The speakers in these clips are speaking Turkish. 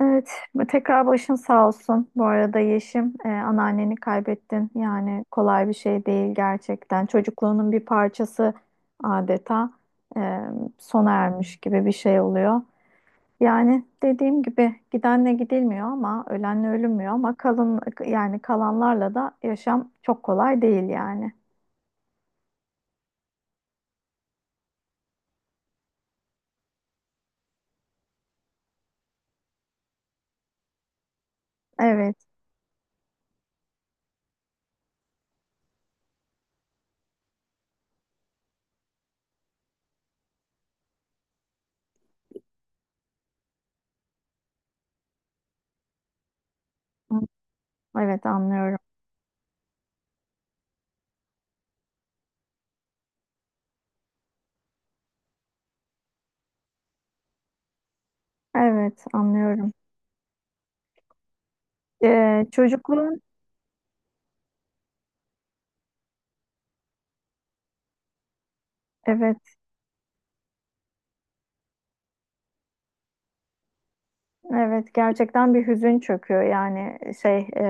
Evet, tekrar başın sağ olsun. Bu arada Yeşim, anneanneni kaybettin. Yani kolay bir şey değil gerçekten. Çocukluğunun bir parçası adeta e, sona ermiş gibi bir şey oluyor. Yani dediğim gibi gidenle gidilmiyor ama ölenle ölünmüyor ama kalın yani kalanlarla da yaşam çok kolay değil yani. Evet, evet, anlıyorum. Evet, anlıyorum. Çocukluğun, evet. Evet gerçekten bir hüzün çöküyor yani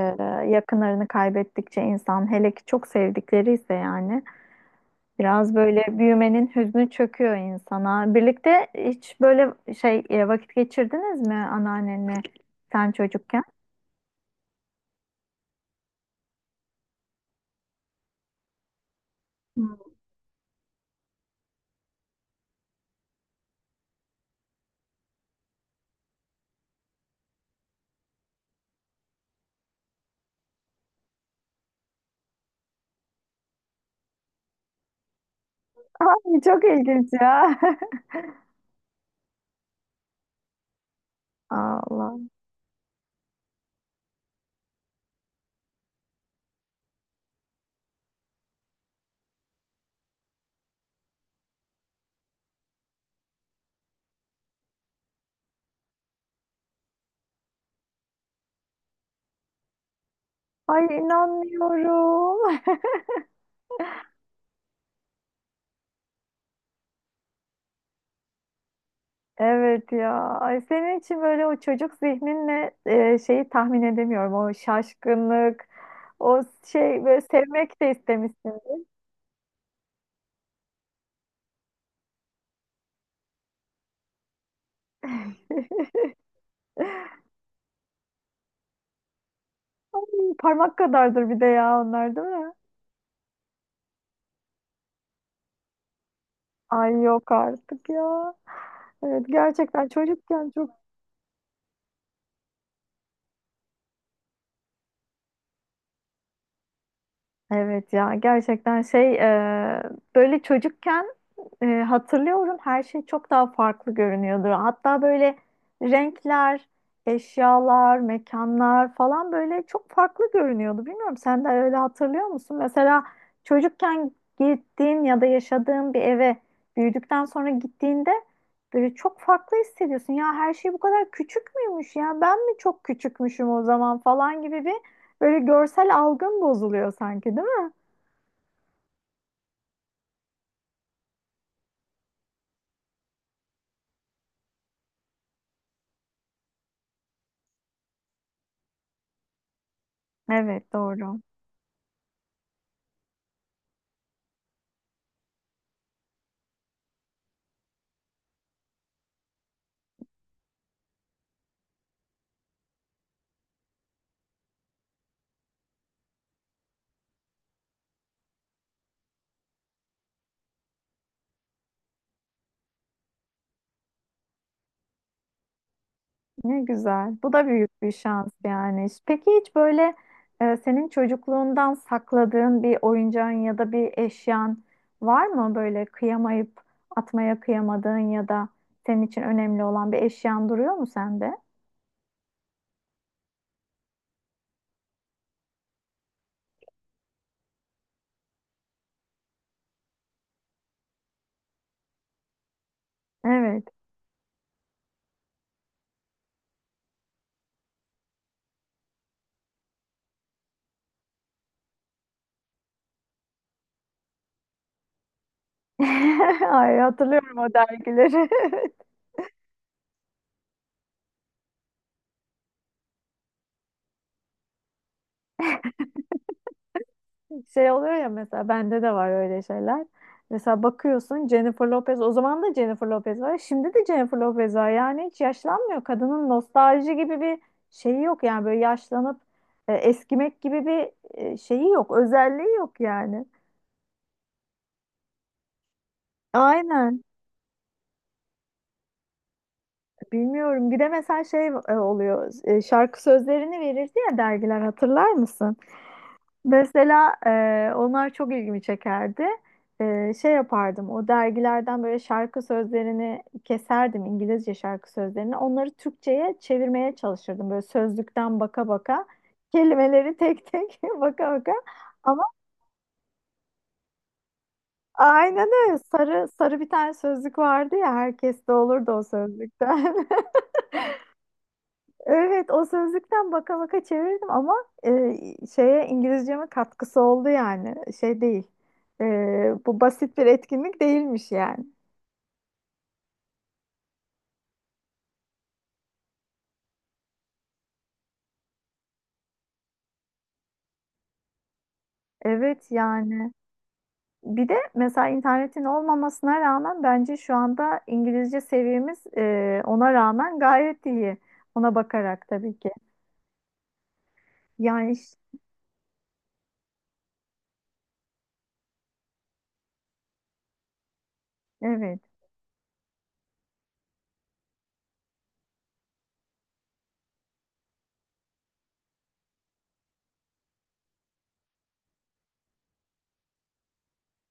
yakınlarını kaybettikçe insan hele ki çok sevdikleri ise yani biraz böyle büyümenin hüznü çöküyor insana. Birlikte hiç böyle vakit geçirdiniz mi anneannenle sen çocukken? Hmm. Ay çok ilginç ya. Allah. Ay inanmıyorum. Evet ya. Ay senin için böyle o çocuk zihninle şeyi tahmin edemiyorum. O şaşkınlık, o şey böyle sevmek de istemişsin. Parmak kadardır bir de ya onlar değil mi? Ay yok artık ya. Evet gerçekten çocukken çok evet ya gerçekten böyle çocukken hatırlıyorum her şey çok daha farklı görünüyordu. Hatta böyle renkler, eşyalar, mekanlar falan böyle çok farklı görünüyordu. Bilmiyorum sen de öyle hatırlıyor musun? Mesela çocukken gittiğin ya da yaşadığın bir eve büyüdükten sonra gittiğinde böyle çok farklı hissediyorsun. Ya her şey bu kadar küçük müymüş ya ben mi çok küçükmüşüm o zaman falan gibi bir böyle görsel algın bozuluyor sanki değil mi? Evet doğru. Ne güzel. Bu da büyük bir şans yani. Peki hiç böyle senin çocukluğundan sakladığın bir oyuncağın ya da bir eşyan var mı? Böyle kıyamayıp atmaya kıyamadığın ya da senin için önemli olan bir eşyan duruyor mu sende? Evet. Ay hatırlıyorum o dergileri. Şey oluyor ya, mesela bende de var öyle şeyler. Mesela bakıyorsun Jennifer Lopez, o zaman da Jennifer Lopez var. Şimdi de Jennifer Lopez var. Yani hiç yaşlanmıyor. Kadının nostalji gibi bir şeyi yok yani böyle yaşlanıp eskimek gibi bir şeyi yok. Özelliği yok yani. Aynen. Bilmiyorum. Bir de mesela oluyor. Şarkı sözlerini verirdi ya dergiler, hatırlar mısın? Mesela onlar çok ilgimi çekerdi. Şey yapardım, o dergilerden böyle şarkı sözlerini keserdim, İngilizce şarkı sözlerini. Onları Türkçe'ye çevirmeye çalışırdım. Böyle sözlükten baka baka, kelimeleri tek tek baka baka. Ama aynen öyle. Sarı, sarı bir tane sözlük vardı ya, herkeste olurdu o sözlükten. Evet, o sözlükten baka baka çevirdim ama şeye, İngilizceme katkısı oldu yani. Şey değil. E, bu basit bir etkinlik değilmiş yani. Evet yani. Bir de mesela internetin olmamasına rağmen bence şu anda İngilizce seviyemiz, ona rağmen gayet iyi. Ona bakarak tabii ki. Yani iş- evet.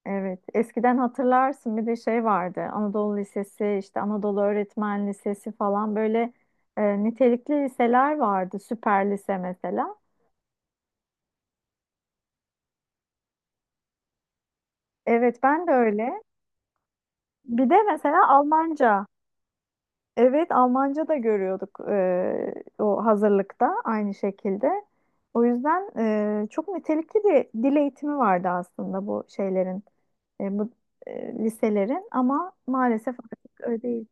Evet, eskiden hatırlarsın bir de şey vardı. Anadolu Lisesi, işte Anadolu Öğretmen Lisesi falan, böyle nitelikli liseler vardı. Süper lise mesela. Evet, ben de öyle. Bir de mesela Almanca. Evet, Almanca da görüyorduk o hazırlıkta, aynı şekilde. O yüzden çok nitelikli bir dil eğitimi vardı aslında bu şeylerin, bu liselerin, ama maalesef artık öyle değil.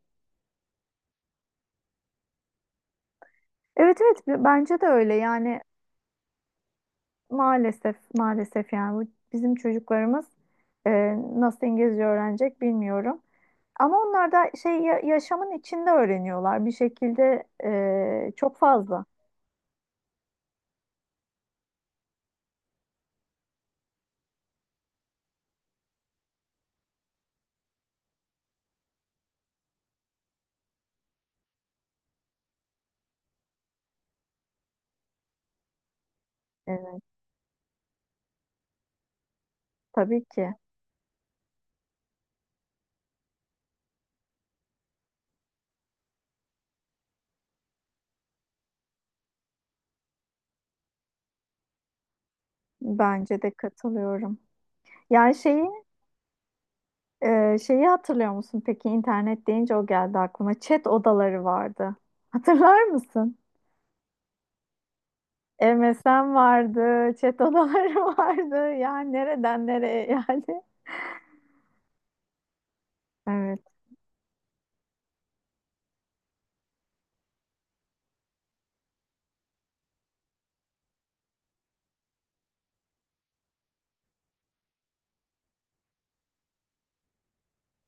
Evet evet, bence de öyle yani. Maalesef, maalesef yani bu bizim çocuklarımız e, nasıl İngilizce öğrenecek bilmiyorum. Ama onlar da şey yaşamın içinde öğreniyorlar bir şekilde çok fazla. Evet, tabii ki. Bence de katılıyorum. Yani şeyi hatırlıyor musun peki, internet deyince o geldi aklıma. Chat odaları vardı. Hatırlar mısın? MSN vardı, chat odaları vardı. Yani nereden nereye yani? Evet.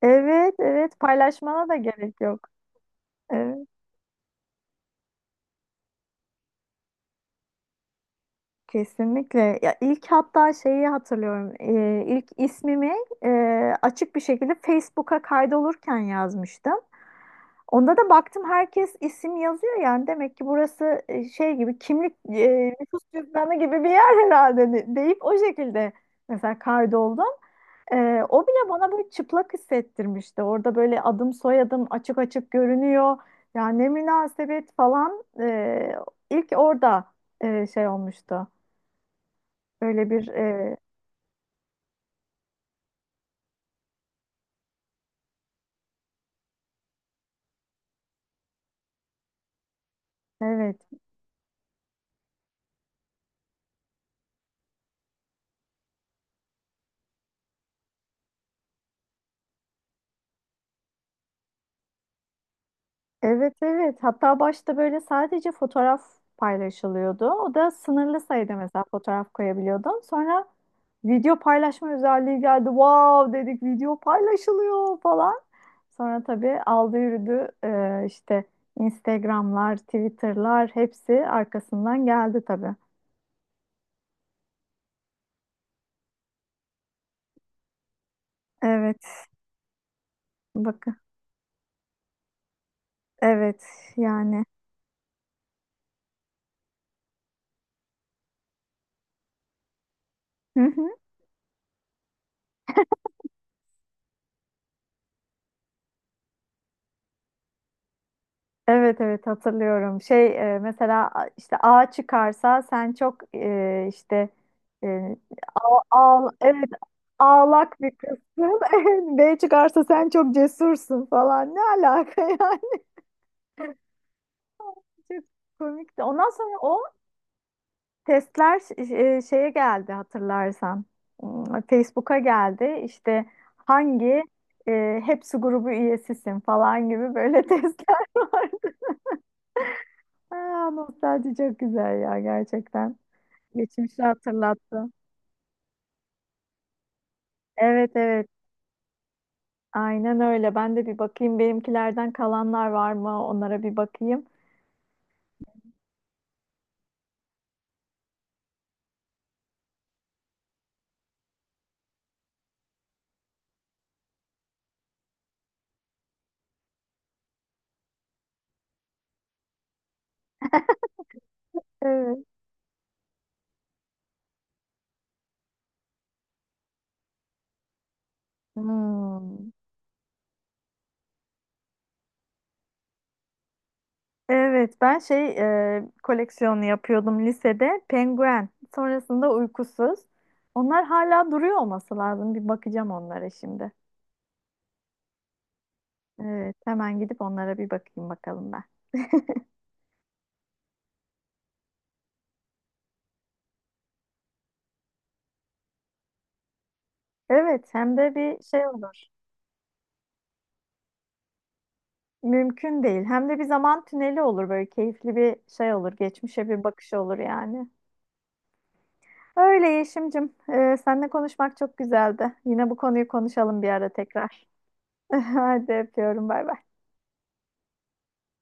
Evet, evet, paylaşmana da gerek yok. Evet, kesinlikle. Ya ilk hatta şeyi hatırlıyorum. E, ilk ismimi e, açık bir şekilde Facebook'a kaydolurken yazmıştım. Onda da baktım herkes isim yazıyor, yani demek ki burası şey gibi, kimlik, nüfus cüzdanı gibi bir yer herhalde deyip o şekilde mesela kaydoldum. E, o bile bana böyle çıplak hissettirmişti. Orada böyle adım soyadım açık açık görünüyor. Yani ne münasebet falan, ilk orada şey olmuştu. Böyle bir evet. Evet evet. Hatta başta böyle sadece fotoğraf paylaşılıyordu. O da sınırlı sayıda, mesela fotoğraf koyabiliyordun. Sonra video paylaşma özelliği geldi. Wow dedik, video paylaşılıyor falan. Sonra tabii aldı yürüdü. İşte Instagram'lar, Twitter'lar, hepsi arkasından geldi tabii. Evet. Bakın. Evet yani. Evet evet, hatırlıyorum. Mesela işte, A çıkarsa sen çok işte, e, evet, ağlak bir kızsın. B çıkarsa sen çok cesursun falan. Ne alaka yani? Çok komikti. Ondan sonra o testler şeye geldi hatırlarsan. Hmm, Facebook'a geldi. İşte hangi hepsi grubu üyesisin falan gibi, böyle testler vardı. Aa, nostalji çok güzel ya gerçekten. Geçmişi hatırlattı. Evet evet, aynen öyle. Ben de bir bakayım benimkilerden kalanlar var mı? Onlara bir bakayım. Evet. Hmm. Evet ben koleksiyonu yapıyordum lisede. Penguen. Sonrasında uykusuz. Onlar hala duruyor olması lazım. Bir bakacağım onlara şimdi. Evet hemen gidip onlara bir bakayım bakalım ben. Evet hem de bir şey oldu. Mümkün değil. Hem de bir zaman tüneli olur, böyle keyifli bir şey olur. Geçmişe bir bakış olur yani. Öyle Yeşim'cim. Seninle konuşmak çok güzeldi. Yine bu konuyu konuşalım bir ara tekrar. Hadi öpüyorum. Bay bay.